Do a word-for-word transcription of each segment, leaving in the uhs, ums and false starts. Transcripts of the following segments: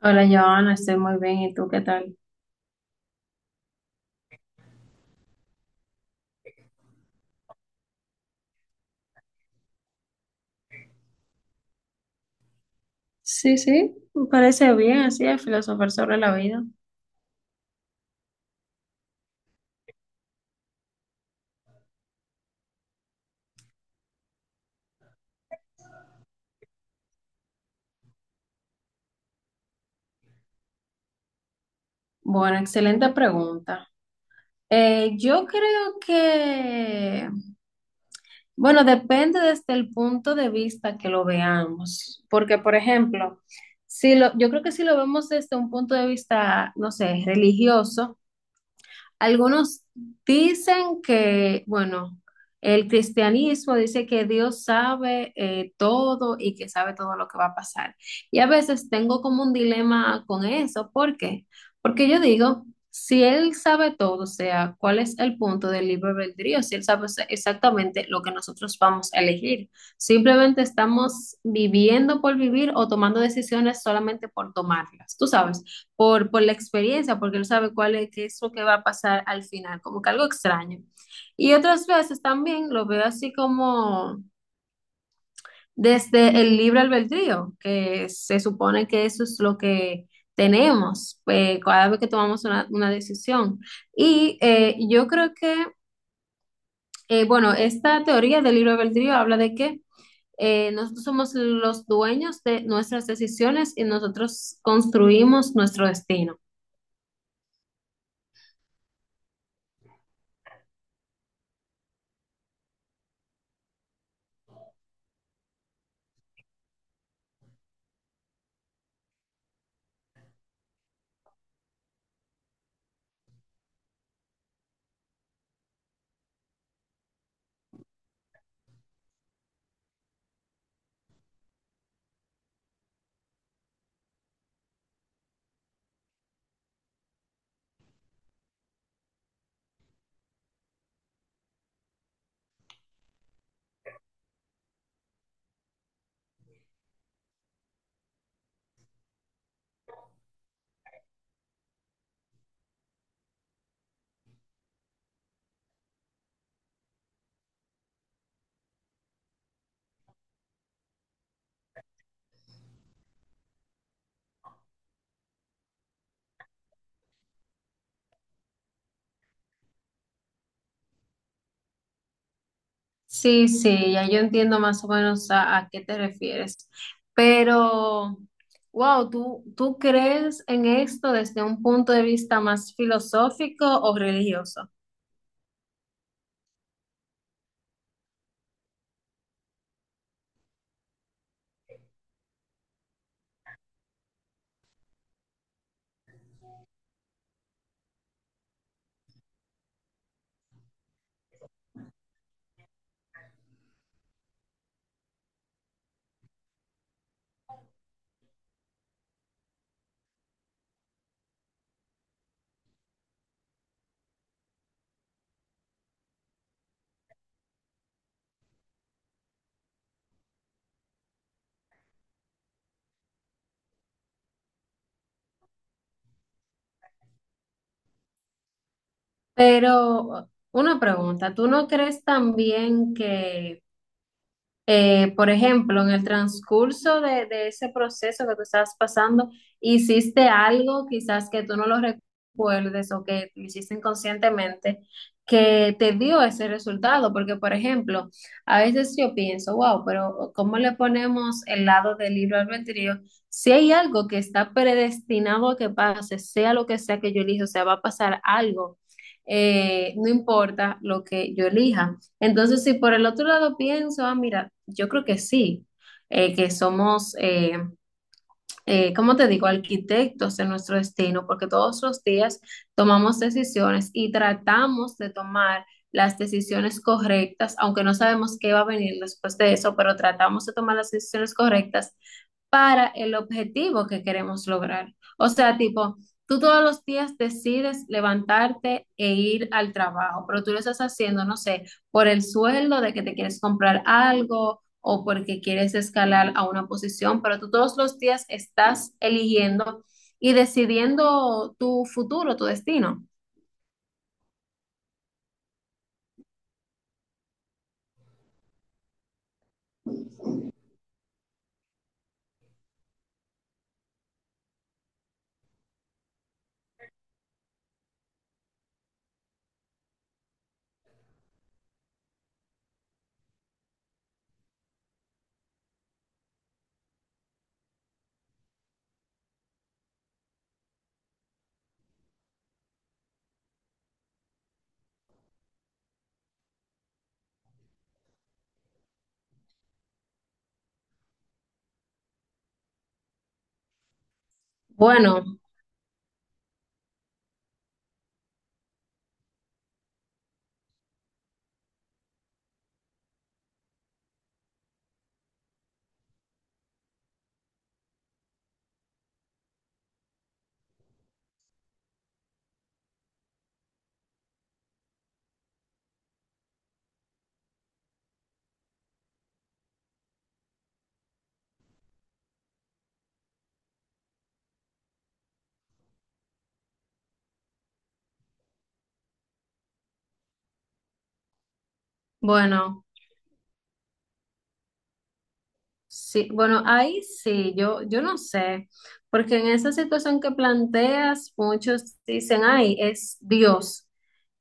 Hola, Joana, estoy muy bien. ¿Y tú qué tal? Sí, sí, me parece bien, así es, filosofar sobre la vida. Bueno, excelente pregunta. Eh, yo creo que, bueno, depende desde el punto de vista que lo veamos, porque, por ejemplo, si lo, yo creo que si lo vemos desde un punto de vista, no sé, religioso, algunos dicen que, bueno, el cristianismo dice que Dios sabe eh, todo y que sabe todo lo que va a pasar. Y a veces tengo como un dilema con eso. ¿Por qué? Porque yo digo, si Él sabe todo, o sea, ¿cuál es el punto del libre albedrío? Si Él sabe exactamente lo que nosotros vamos a elegir. Simplemente estamos viviendo por vivir o tomando decisiones solamente por tomarlas. Tú sabes, por, por la experiencia, porque él sabe cuál es, qué es lo que va a pasar al final, como que algo extraño. Y otras veces también lo veo así como desde el libre albedrío, que se supone que eso es lo que tenemos eh, cada vez que tomamos una, una decisión. Y eh, yo creo que, eh, bueno, esta teoría del libre albedrío habla de que eh, nosotros somos los dueños de nuestras decisiones y nosotros construimos nuestro destino. Sí, sí, ya yo entiendo más o menos a, a qué te refieres. Pero, wow, ¿tú, tú crees en esto desde un punto de vista más filosófico o religioso? Pero una pregunta, ¿tú no crees también que... Eh, por ejemplo, en el transcurso de, de ese proceso que tú estás pasando, hiciste algo quizás que tú no lo recuerdes o que lo hiciste inconscientemente que te dio ese resultado. Porque, por ejemplo, a veces yo pienso, wow, pero ¿cómo le ponemos el lado del libro albedrío? Si hay algo que está predestinado a que pase, sea lo que sea que yo elija, o sea, va a pasar algo, eh, no importa lo que yo elija. Entonces, si por el otro lado pienso, ah, mira, yo creo que sí, eh, que somos, eh, eh, ¿cómo te digo?, arquitectos de nuestro destino, porque todos los días tomamos decisiones y tratamos de tomar las decisiones correctas, aunque no sabemos qué va a venir después de eso, pero tratamos de tomar las decisiones correctas para el objetivo que queremos lograr. O sea, tipo, tú todos los días decides levantarte e ir al trabajo, pero tú lo estás haciendo, no sé, por el sueldo de que te quieres comprar algo o porque quieres escalar a una posición, pero tú todos los días estás eligiendo y decidiendo tu futuro, tu destino. Bueno, bueno. Sí, bueno, ahí sí, yo, yo no sé, porque en esa situación que planteas, muchos dicen, ay, es Dios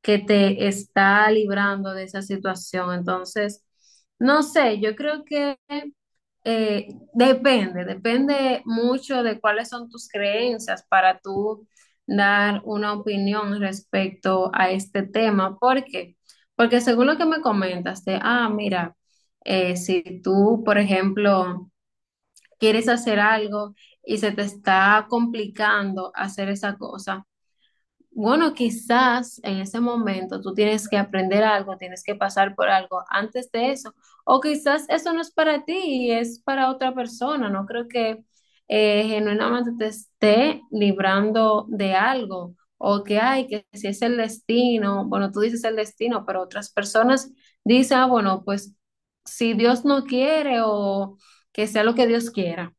que te está librando de esa situación. Entonces, no sé, yo creo que eh, depende, depende mucho de cuáles son tus creencias para tú dar una opinión respecto a este tema. ¿Por qué? Porque según lo que me comentas de, ah, mira, eh, si tú, por ejemplo, quieres hacer algo y se te está complicando hacer esa cosa. Bueno, quizás en ese momento tú tienes que aprender algo, tienes que pasar por algo antes de eso, o quizás eso no es para ti y es para otra persona. No creo que eh, genuinamente te esté librando de algo o que hay, que si es el destino, bueno, tú dices el destino, pero otras personas dicen, ah, bueno, pues si Dios no quiere o que sea lo que Dios quiera.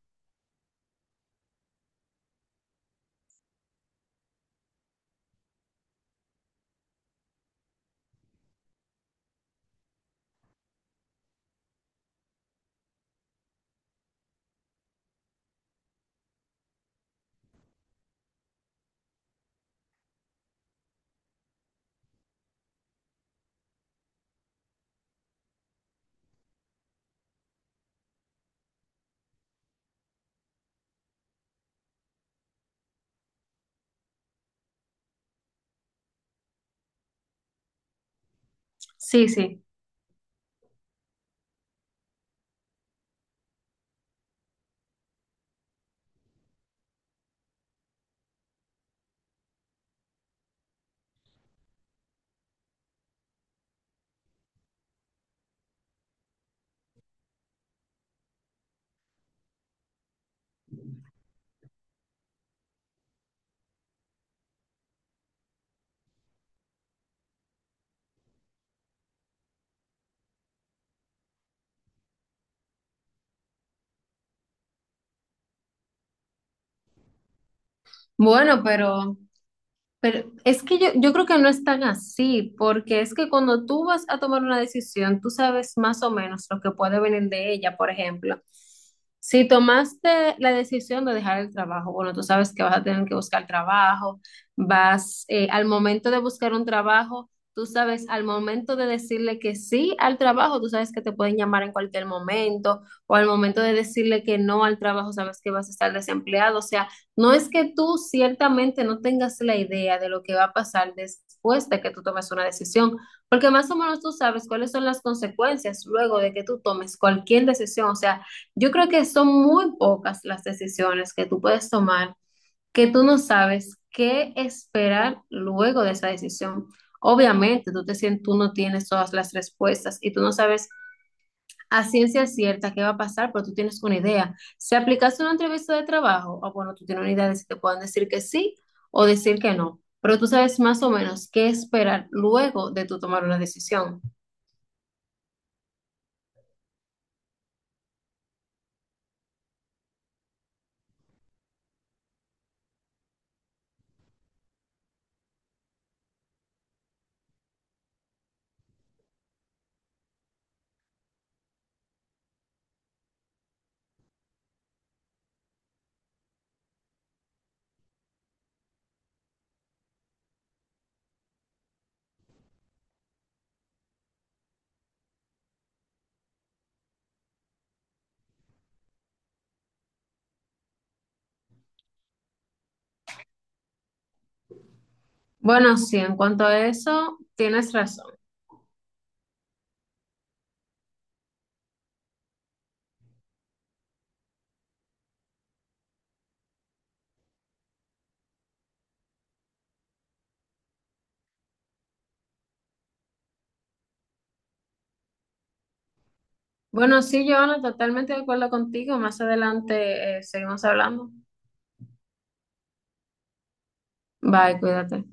Sí, sí. Bueno, pero, pero es que yo, yo creo que no es tan así, porque es que cuando tú vas a tomar una decisión, tú sabes más o menos lo que puede venir de ella. Por ejemplo, si tomaste la decisión de dejar el trabajo, bueno, tú sabes que vas a tener que buscar trabajo, vas eh, al momento de buscar un trabajo, tú sabes al momento de decirle que sí al trabajo, tú sabes que te pueden llamar en cualquier momento, o al momento de decirle que no al trabajo, sabes que vas a estar desempleado, o sea. No es que tú ciertamente no tengas la idea de lo que va a pasar después de que tú tomes una decisión, porque más o menos tú sabes cuáles son las consecuencias luego de que tú tomes cualquier decisión. O sea, yo creo que son muy pocas las decisiones que tú puedes tomar que tú no sabes qué esperar luego de esa decisión. Obviamente, tú te sientes, tú no tienes todas las respuestas y tú no sabes a ciencia cierta qué va a pasar, pero tú tienes una idea. Si aplicaste una entrevista de trabajo, ah, bueno, tú tienes una idea de si te pueden decir que sí o decir que no, pero tú sabes más o menos qué esperar luego de tú tomar una decisión. Bueno, sí, en cuanto a eso, tienes razón. Bueno, sí, Joana, totalmente de acuerdo contigo. Más adelante, eh, seguimos hablando. Bye, cuídate.